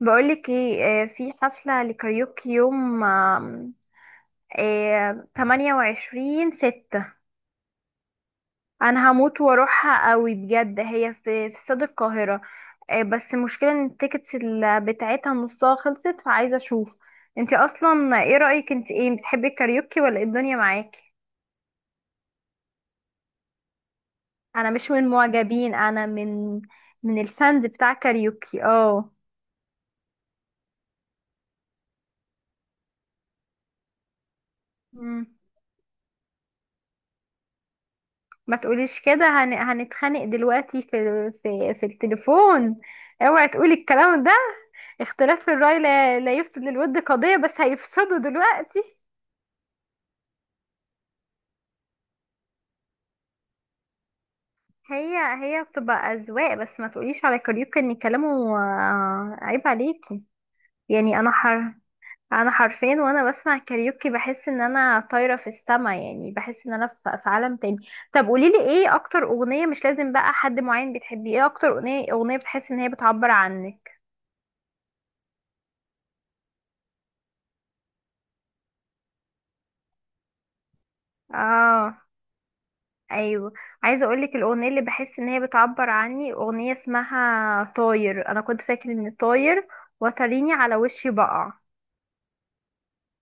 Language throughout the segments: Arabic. بقولك ايه، في حفلة لكاريوكي يوم، آم، آه، 28 ستة. انا هموت واروحها قوي بجد، هي في استاد القاهرة. بس المشكلة ان التيكتس بتاعتها نصها خلصت، فعايزة اشوف. انتي اصلا ايه رأيك؟ انت ايه، بتحبي الكاريوكي ولا ايه الدنيا معاكي؟ انا مش من معجبين، انا من الفانز بتاع كاريوكي. اه. مم. ما تقوليش كده، هنتخانق دلوقتي في التليفون. اوعي تقولي الكلام ده. اختلاف في الرأي لا يفسد للود قضية، بس هيفسدوا دلوقتي. هي هي بتبقى أذواق، بس ما تقوليش على كاريوكا ان كلامه عيب عليكي. يعني انا حر. انا حرفين وانا بسمع كاريوكي بحس ان انا طايرة في السما، يعني بحس ان انا في عالم تاني. طب قوليلي ايه اكتر اغنية، مش لازم بقى حد معين بتحبيه، ايه اكتر اغنية بتحس ان هي بتعبر عنك؟ اه. ايوه. عايزه اقولك الاغنيه اللي بحس ان هي بتعبر عني، اغنيه اسمها طاير، انا كنت فاكر ان طاير وتريني على وشي بقع،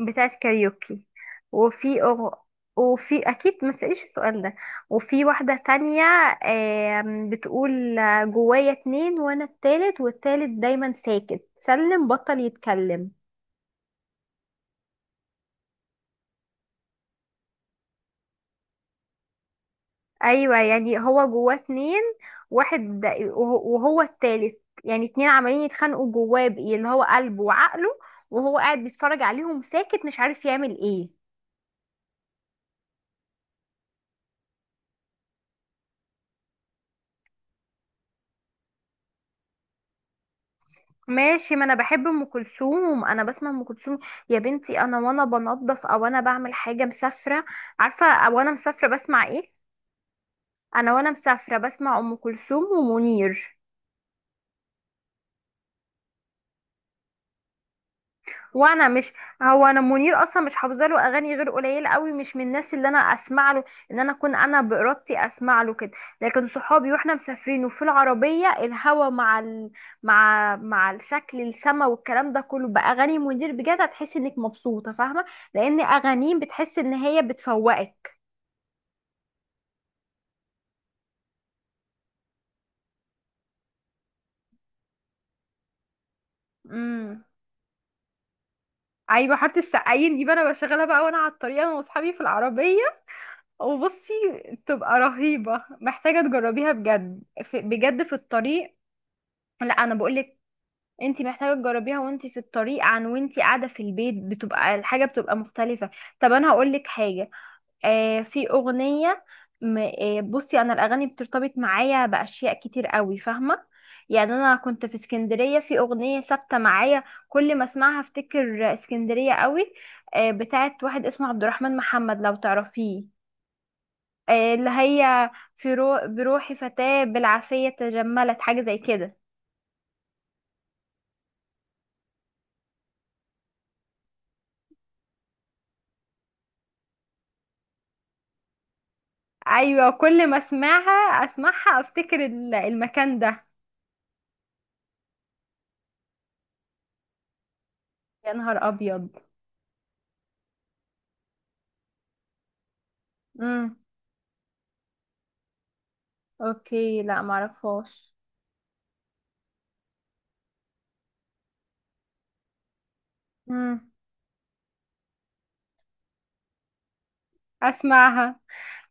بتاعت كاريوكي. وفي أغ... وفي اكيد ما تسأليش السؤال ده. وفي واحده تانية، بتقول جوايا اتنين وانا التالت، والتالت دايما ساكت، سلم بطل يتكلم. ايوه يعني هو جواه اتنين، واحد وهو التالت، يعني اتنين عمالين يتخانقوا جواه، بإيه اللي هو قلبه وعقله، وهو قاعد بيتفرج عليهم ساكت مش عارف يعمل ايه. ماشي، ما انا بحب ام كلثوم، انا بسمع ام كلثوم. يا بنتي، انا وانا بنظف، او انا بعمل حاجه مسافره، عارفه، او انا مسافره بسمع ايه. انا وانا مسافره بسمع ام كلثوم ومنير. وانا مش هو انا منير اصلا مش حافظه له اغاني غير قليله قوي، مش من الناس اللي انا اسمع له، ان انا اكون انا بارادتي اسمع له كده. لكن صحابي واحنا مسافرين، وفي العربيه الهوا مع مع الشكل، السما والكلام ده كله باغاني منير، بجد هتحس انك مبسوطه، فاهمه، لان اغانيه بتحس ان هي بتفوقك. امم. ايوه حاره السقايين دي بقى انا بشغلها بقى وانا على الطريق، انا واصحابي في العربيه. وبصي تبقى رهيبه، محتاجه تجربيها بجد، بجد في الطريق. لا انا بقولك، انت محتاجه تجربيها وانت في الطريق، وانت قاعده في البيت بتبقى الحاجه بتبقى مختلفه. طب انا هقولك حاجه. في اغنيه. بصي، انا الاغاني بترتبط معايا باشياء كتير قوي، فاهمه؟ يعني انا كنت في اسكندريه، في اغنيه ثابته معايا، كل ما اسمعها افتكر اسكندريه قوي. بتاعت واحد اسمه عبد الرحمن محمد، لو تعرفيه. اللي هي بروحي فتاة بالعافية تجملت، حاجة زي كده. ايوه كل ما اسمعها افتكر المكان ده. يا نهار ابيض. امم. اوكي، لا معرفهاش. امم اسمعها.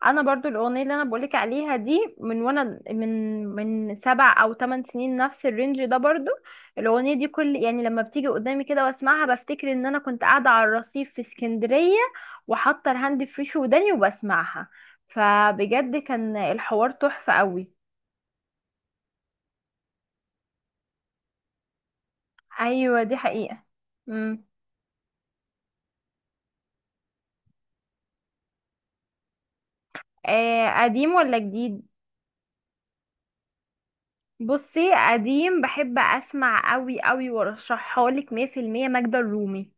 انا برضو الاغنيه اللي انا بقولك عليها دي من وانا من سبع او ثمان سنين، نفس الرينج ده برضو. الاغنيه دي كل، يعني لما بتيجي قدامي كده واسمعها، بفتكر ان انا كنت قاعده على الرصيف في اسكندريه، وحاطه الهاند فري في وداني وبسمعها، فبجد كان الحوار تحفه قوي. ايوه دي حقيقه. مم. قديم ولا جديد؟ بصي، قديم بحب اسمع قوي قوي، وارشحها لك 100% ماجدة الرومي.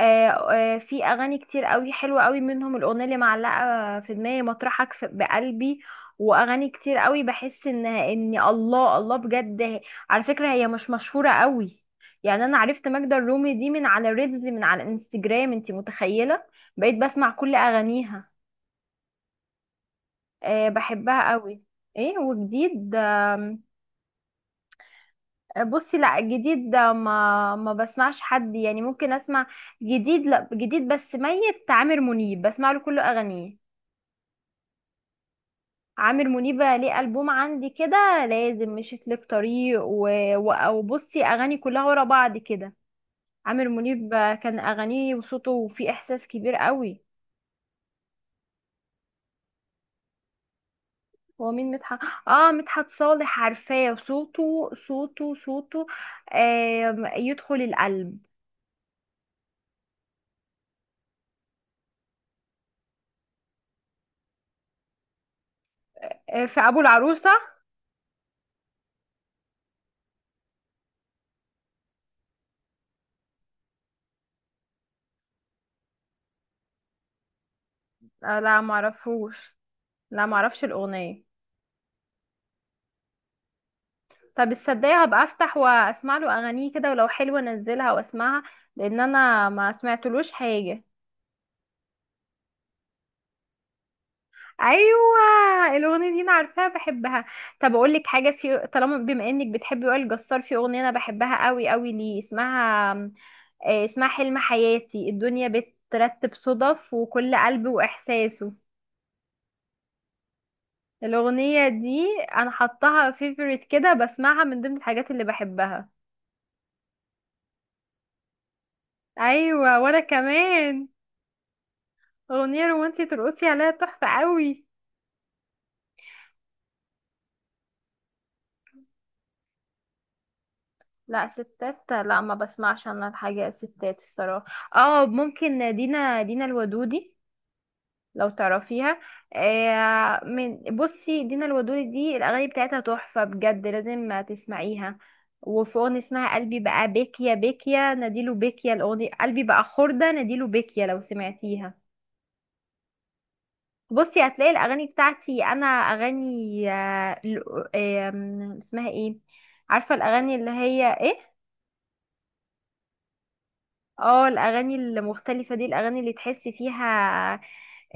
في اغاني كتير قوي حلوه قوي منهم الاغنيه اللي معلقه في دماغي، مطرحك بقلبي. واغاني كتير قوي بحس ان الله الله، بجد على فكره هي مش مشهوره قوي. يعني انا عرفت ماجدة الرومي دي من على ريلز، من على انستجرام، انتي متخيله؟ بقيت بسمع كل اغانيها. بحبها قوي. ايه وجديد؟ بصي لا، جديد ده ما بسمعش حد، يعني ممكن اسمع جديد. لا جديد بس ميت عامر منيب بسمع له كل اغانيه. عامر منيب ليه البوم عندي كده لازم مشيت لك طريق، وبصي اغاني كلها ورا بعض كده، عامر منيب. كان اغانيه وصوته فيه احساس كبير قوي. هو مين مدحت؟ اه مدحت صالح، عارفاه، صوته صوته صوته، آه يدخل القلب. في ابو العروسه؟ لا معرفوش، لا معرفش الاغنيه. طب الصدقي هبقى افتح واسمع له اغانيه كده، ولو حلوه انزلها واسمعها، لان انا ما سمعتلوش حاجه. ايوه الاغنيه دي انا عارفاها، بحبها. طب اقول لك حاجه، في طالما بما انك بتحبي وائل جسار، في اغنيه انا بحبها قوي قوي ليه، اسمها اسمها حلم حياتي، الدنيا بترتب صدف وكل قلب واحساسه. الاغنيه دي انا حطاها فيفوريت كده، بسمعها من ضمن الحاجات اللي بحبها. ايوه وانا كمان. أغنية رومانسية ترقصي عليها تحفة قوي. لا ستات لا، ما بسمعش انا الحاجة ستات الصراحة. اه ممكن، دينا الودودي، لو تعرفيها. آه، من بصي، دينا الودودي دي الأغاني بتاعتها تحفة بجد، لازم تسمعيها. وفي أغنية اسمها قلبي بقى بيكيا بيكيا نديله بيكيا، الأغنية قلبي بقى خردة نديله بيكيا، لو سمعتيها. بصي هتلاقي الاغاني بتاعتي انا اغاني آه، ل- آم، اسمها ايه، عارفه الاغاني اللي هي ايه، اه الاغاني المختلفه دي، الاغاني اللي تحسي فيها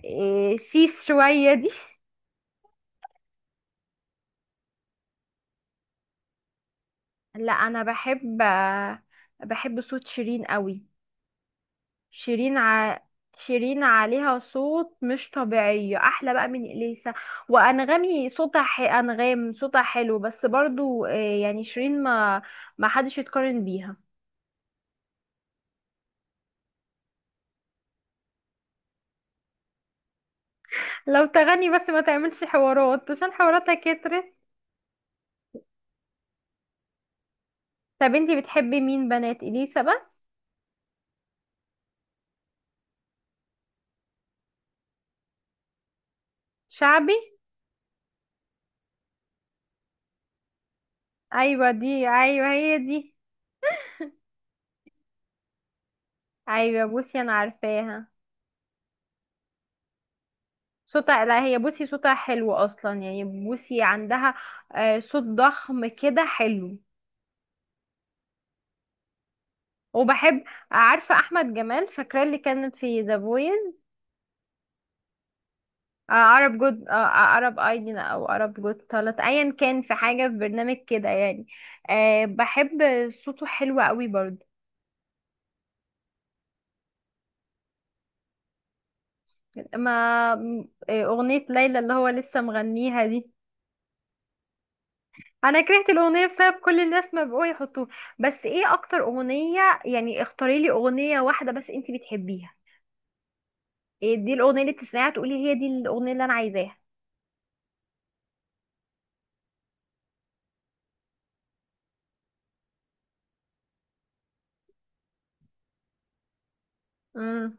إيه، سيس شويه دي. لا انا بحب، بحب صوت شيرين قوي. شيرين ع... شيرين عليها صوت مش طبيعي احلى بقى من اليسا. انغام صوتها حلو بس برضو، يعني شيرين ما حدش يتقارن بيها. لو تغني بس، ما تعملش حوارات، عشان حواراتها كترت. طب انتي بتحبي مين بنات اليسا بس؟ شعبي؟ ايوه دي، ايوه هي دي. ايوه بوسي انا عارفاها، صوتها، لا هي بوسي صوتها حلو اصلا، يعني بوسي عندها صوت ضخم كده حلو. وبحب، عارفه احمد جمال فاكره، اللي كانت في ذا فويس، عرب جود، عرب ايدين، او عرب جود، طلعت ايا كان، في حاجه، في برنامج كده يعني. بحب صوته حلو قوي برضه. ما م- إيه، أغنية ليلى اللي هو لسه مغنيها دي. أنا كرهت الأغنية بسبب كل الناس ما بقوا يحطوها. بس إيه أكتر أغنية، يعني اختاري لي أغنية واحدة بس أنتي بتحبيها، إيه دي الأغنية اللي بتسمعيها تقولي هي دي الأغنية اللي أنا عايزاها؟ امم.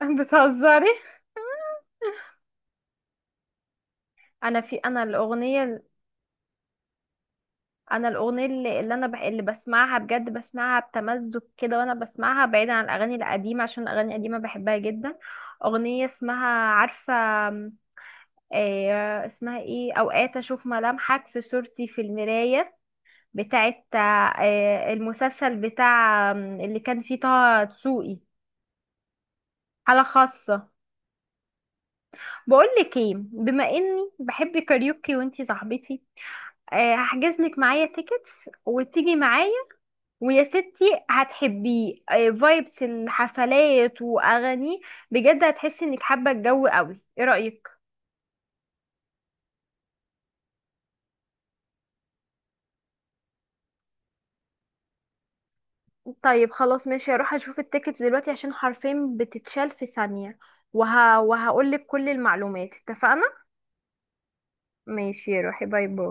بتهزري. أنا في أنا الأغنية أنا الأغنية اللي اللي بسمعها بجد، بسمعها بتمزج كده وأنا بسمعها، بعيدا عن الأغاني القديمة عشان الأغاني القديمة بحبها جدا. أغنية اسمها، عارفة اسمها ايه، اوقات اشوف ملامحك في صورتي في المراية، بتاعت المسلسل بتاع اللي كان فيه طه دسوقي، حالة خاصة. بقول لك ايه، بما اني بحب كاريوكي وانتي صاحبتي، هحجز لك معايا تيكتس وتيجي معايا، ويا ستي هتحبيه، فايبس الحفلات واغاني، بجد هتحسي انك حابة الجو قوي، ايه رأيك؟ طيب خلاص ماشي، هروح اشوف التيكت دلوقتي عشان حرفين بتتشال في ثانية، وهقولك كل المعلومات، اتفقنا؟ ماشي روحي، باي باي.